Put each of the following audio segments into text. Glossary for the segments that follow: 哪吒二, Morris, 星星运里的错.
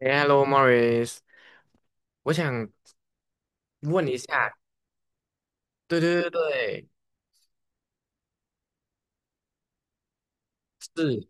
hello Morris，我想问一下，对对对对，是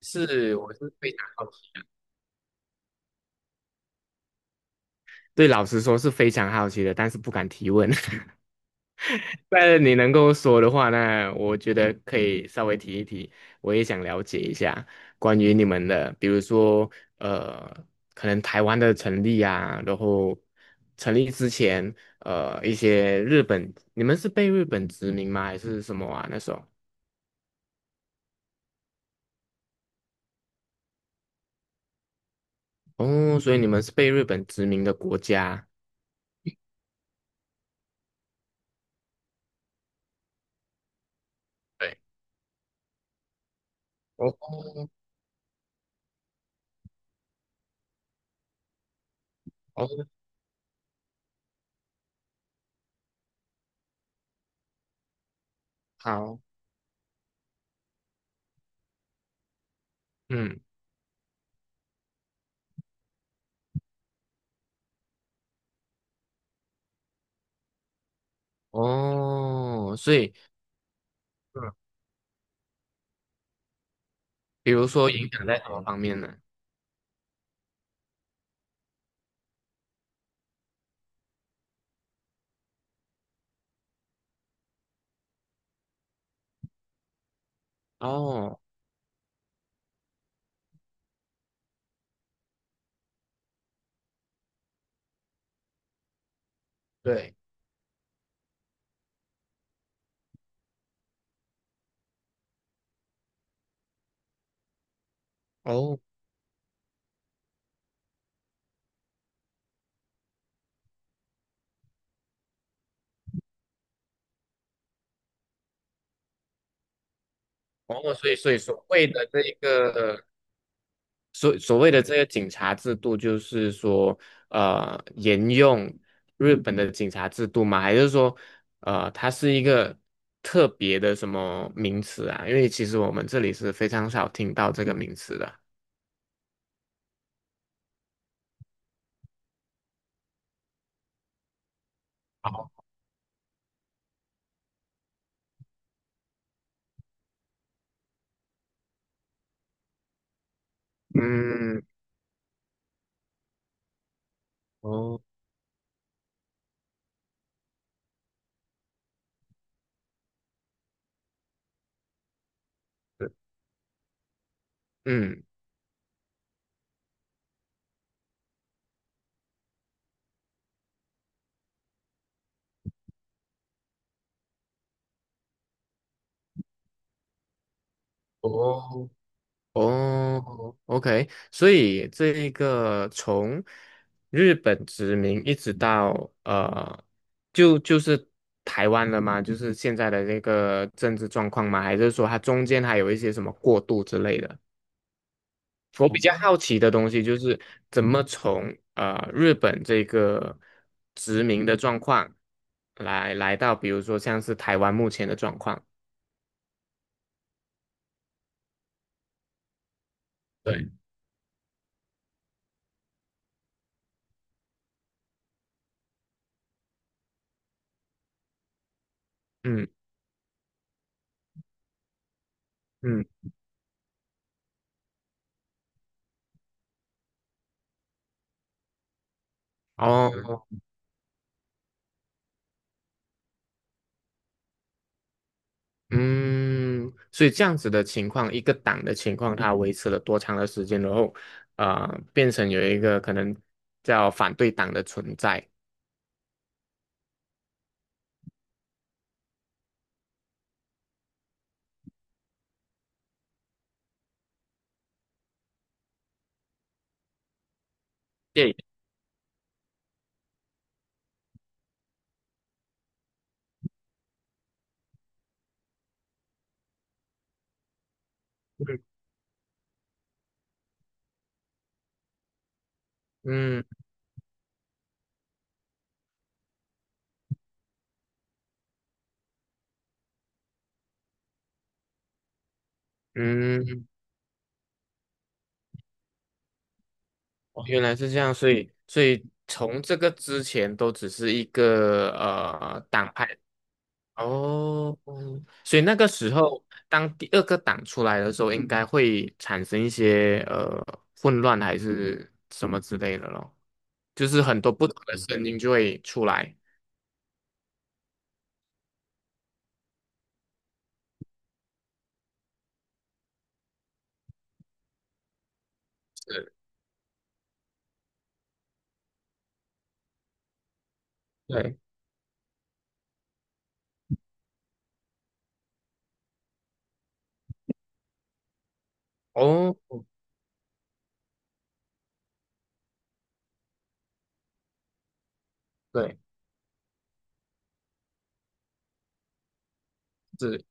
是，我是非常好奇，对，老实说是非常好奇的，但是不敢提问。但是你能够说的话，那我觉得可以稍微提一提，我也想了解一下关于你们的，比如说呃，可能台湾的成立啊，然后成立之前，一些日本，你们是被日本殖民吗？还是什么啊？那时候？哦，所以你们是被日本殖民的国家。对，哦哦，好，嗯，哦，所以嗯，比如说影响在什么方面呢？哦，对，哦哦，所以所谓的这个警察制度，就是说沿用日本的警察制度吗？还是说它是一个特别的什么名词啊？因为其实我们这里是非常少听到这个名词的。嗯，哦，对，嗯。哦，哦，OK，所以这一个从日本殖民一直到呃，就是台湾了吗？就是现在的那个政治状况吗？还是说它中间还有一些什么过渡之类的？我比较好奇的东西就是怎么从日本这个殖民的状况来到，比如说像是台湾目前的状况。对，嗯嗯哦，嗯，所以这样子的情况，一个党的情况，它维持了多长的时间，然后，呃，变成有一个可能叫反对党的存在。对，嗯嗯，嗯哦，原来是这样，所以从这个之前都只是一个党派哦，嗯所以那个时候当第二个党出来的时候，应该会产生一些混乱还是什么之类的咯。就是很多不同的声音就会出来。是，对，哦，对，是，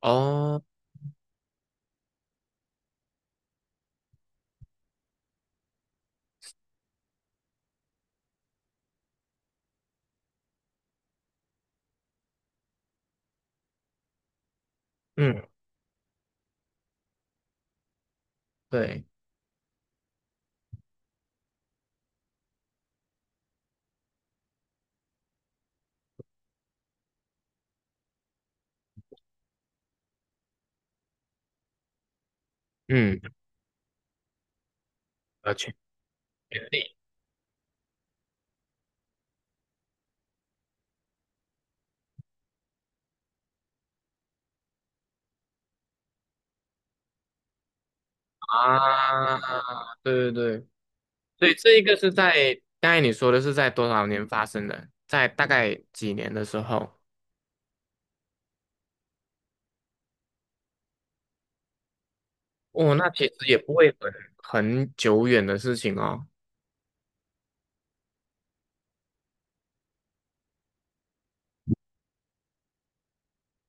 哦，嗯，对，嗯，确定啊，对对对，所以这一个是在刚才你说的是在多少年发生的，在大概几年的时候，哦，那其实也不会很久远的事情哦，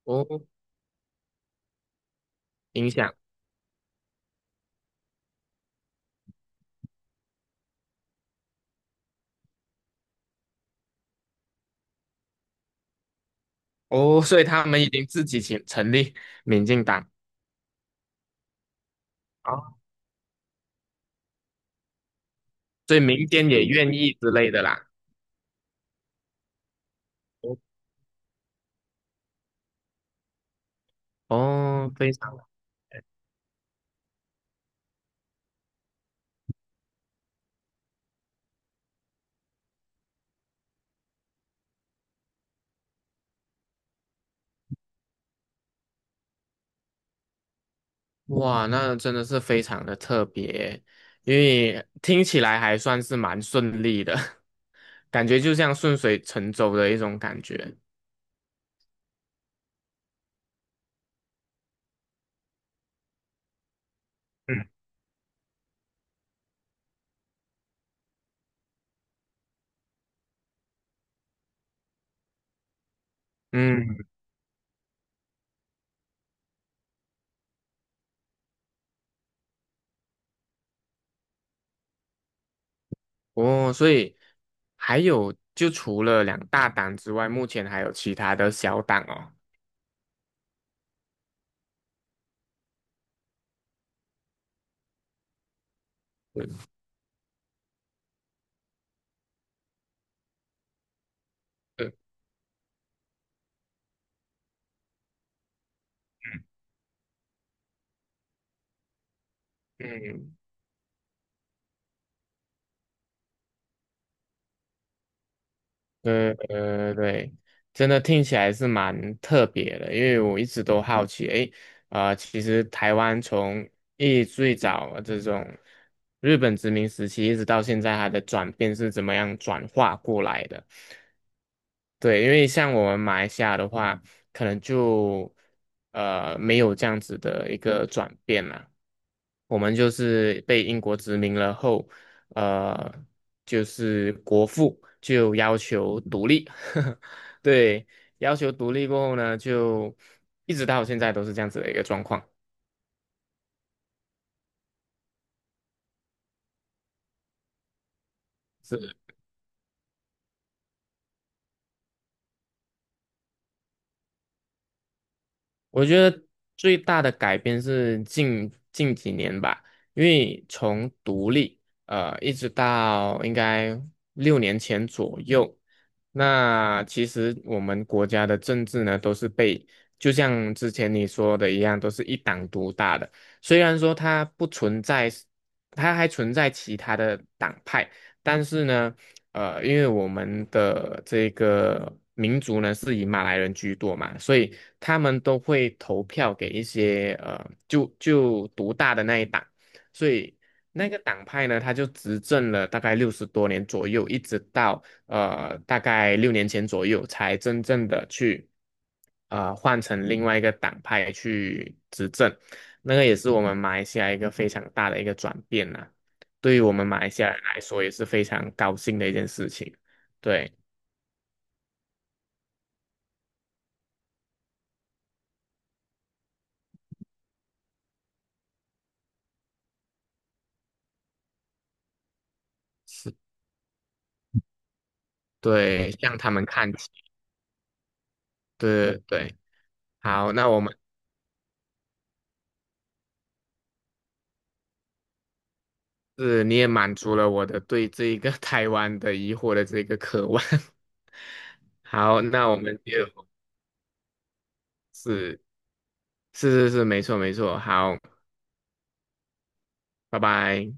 哦，影响，哦，所以他们已经自己成立民进党，啊，所以民间也愿意之类的啦。哦，哦非常。哇，那真的是非常的特别，因为听起来还算是蛮顺利的，感觉就像顺水成舟的一种感觉。嗯，嗯，哦，所以还有就除了两大档之外，目前还有其他的小档哦。嗯嗯，对对对，真的听起来是蛮特别的，因为我一直都好奇，诶，啊，其实台湾从最早这种日本殖民时期，一直到现在，它的转变是怎么样转化过来的？对，因为像我们马来西亚的话，可能就没有这样子的一个转变啦。我们就是被英国殖民了后，呃，就是国父就要求独立，对，要求独立过后呢，就一直到现在都是这样子的一个状况。我觉得最大的改变是近几年吧，因为从独立，一直到应该六年前左右，那其实我们国家的政治呢，都是被就像之前你说的一样，都是一党独大的。虽然说它不存在，它还存在其他的党派，但是呢。因为我们的这个民族呢是以马来人居多嘛，所以他们都会投票给一些就独大的那一党，所以那个党派呢，他就执政了大概60多年左右，一直到大概六年前左右才真正的去换成另外一个党派去执政，那个也是我们马来西亚一个非常大的一个转变呐、对于我们马来西亚人来说也是非常高兴的一件事情。对，是，对，向他们看齐。对对，好，那我们是你也满足了我的对这一个 台湾的疑惑的这个渴望。好，那我们就是是是是，没错没错。好，拜拜。